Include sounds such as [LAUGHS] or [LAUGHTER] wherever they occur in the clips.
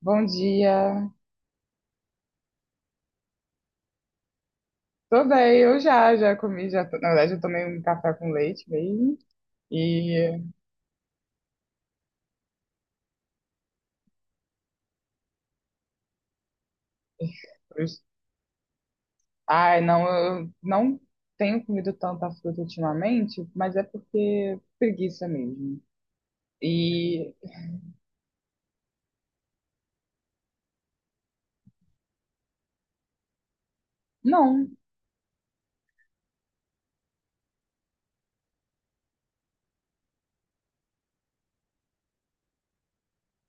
Bom dia. Tô bem, eu já comi, na verdade eu tomei um café com leite mesmo. E, ai, não, eu não tenho comido tanta fruta ultimamente, mas é porque preguiça mesmo. E, não,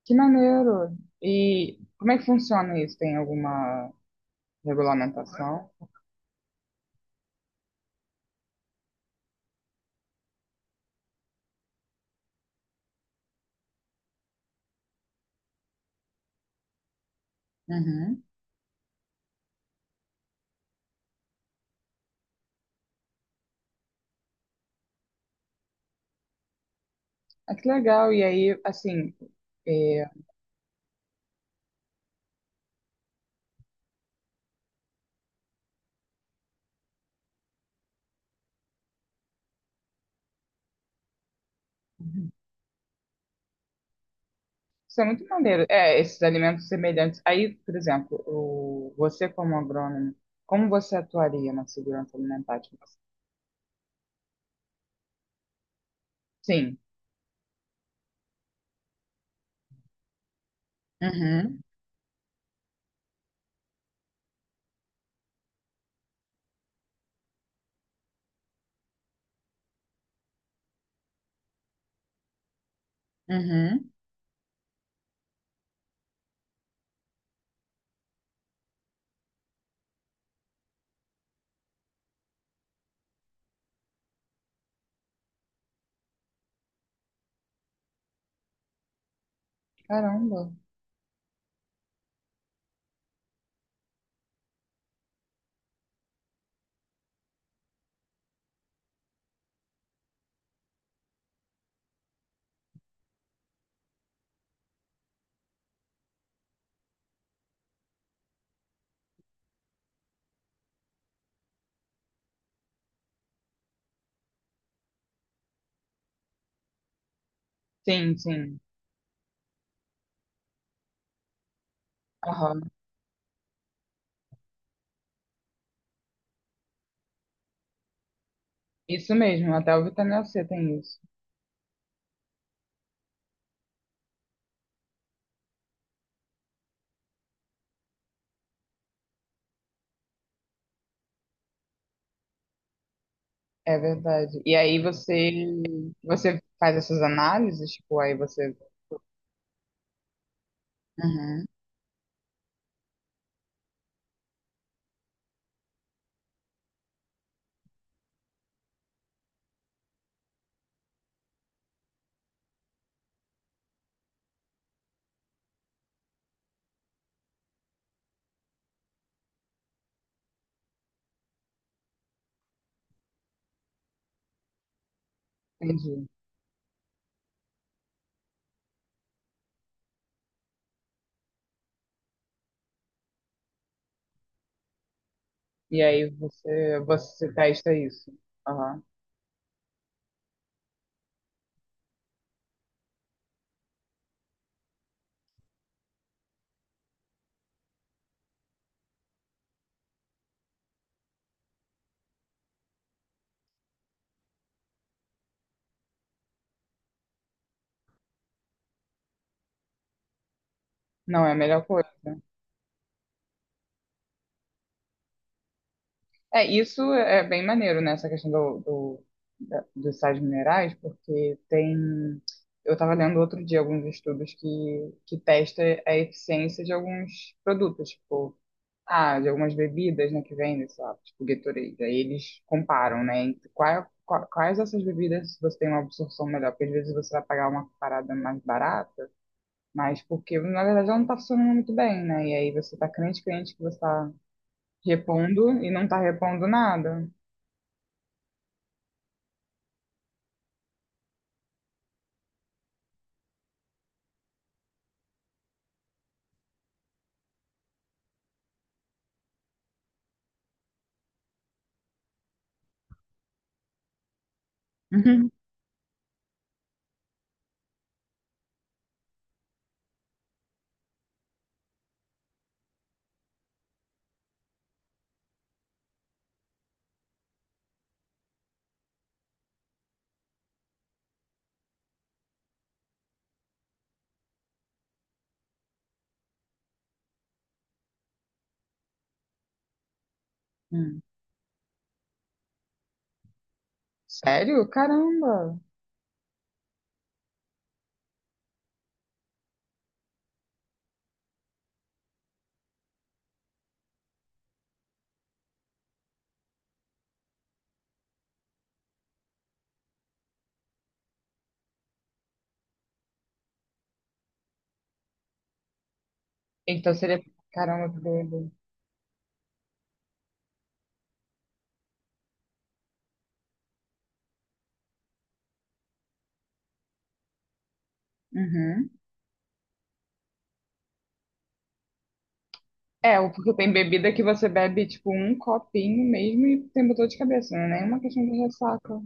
que maneiro. E como é que funciona isso? Tem alguma regulamentação? Uhum. Ah, que legal. É, uhum. Isso é muito maneiro. É, esses alimentos semelhantes. Aí, por exemplo, o, você como agrônomo, como você atuaria na segurança alimentar? Tipo, assim? Sim. Uhum, uhum. Caramba. Sim, sim. Aham. Isso mesmo, até o vitamina C tem isso. É verdade. Você faz essas análises, tipo, aí você. Uhum, entendi. E aí você, você testa isso. Aham. Não, é a melhor coisa. É, isso é bem maneiro, né? Essa questão dos sais minerais, porque tem. Eu estava lendo outro dia alguns estudos que testa a eficiência de alguns produtos, tipo, ah, de algumas bebidas, né, que vendem, sei lá, tipo Gatorade. Aí eles comparam, né, entre quais dessas bebidas você tem uma absorção melhor, porque às vezes você vai pagar uma parada mais barata, mas porque, na verdade, ela não está funcionando muito bem, né? E aí você está crente, crente que você está repondo e não está repondo nada. Uhum. Hum. Sério? Caramba! Então seria. Caramba, que doido. Uhum. É, o- porque tem bebida que você bebe, tipo, um copinho mesmo e tem dor de cabeça, não é nem uma questão de ressaca.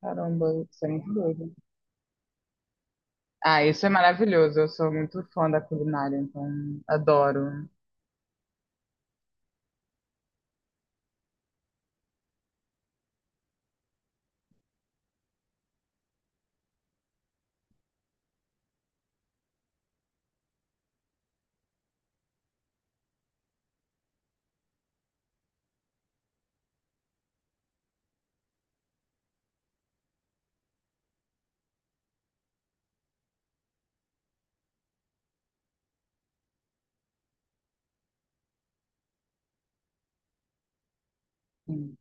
Caramba, isso é muito doido. Ah, isso é maravilhoso. Eu sou muito fã da culinária, então adoro. Sim,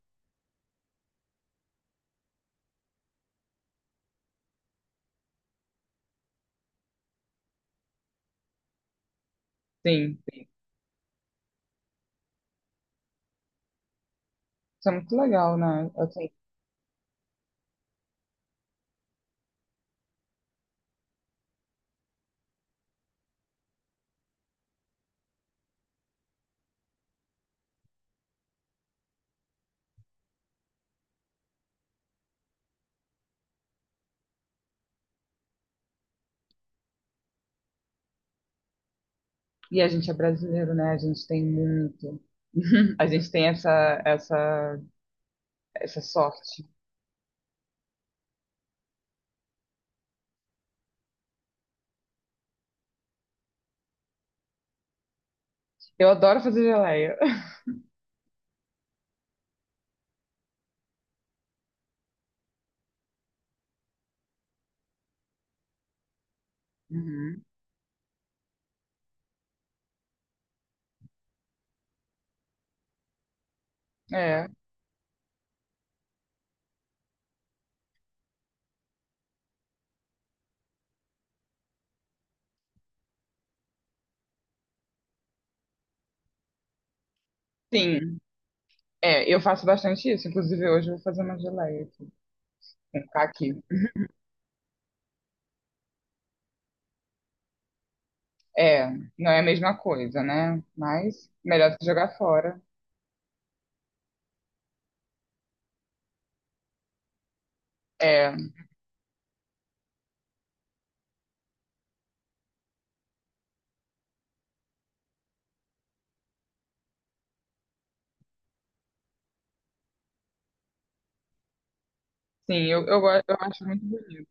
sim. Sim. Isso é muito legal, né? Assim, e a gente é brasileiro, né? A gente tem muito. [LAUGHS] A gente tem essa sorte. Eu adoro fazer geleia. [LAUGHS] Uhum. É, sim. É, eu faço bastante isso. Inclusive, hoje eu vou fazer uma geleia aqui, com caqui. É, não é a mesma coisa, né? Mas melhor do que jogar fora. É, eu acho muito bonito.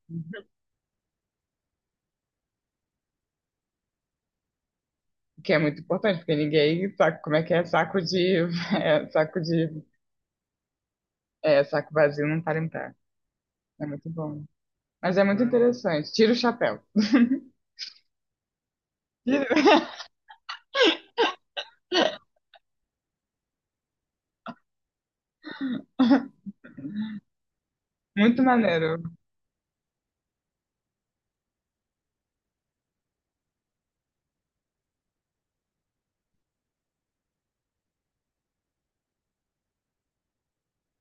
O que é muito importante, porque ninguém sabe como é que é saco de. [LAUGHS] É, saco de. É, saco vazio não para em pé. É muito bom. Mas é muito interessante. Tira o chapéu. Muito maneiro.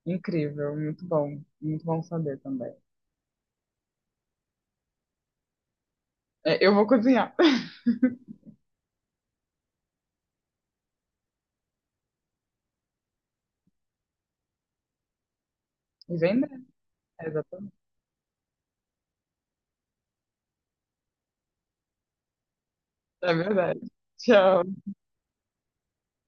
Incrível. Muito bom. Muito bom saber também. É, eu vou cozinhar. [LAUGHS] E vender. Exatamente. É verdade. Tchau.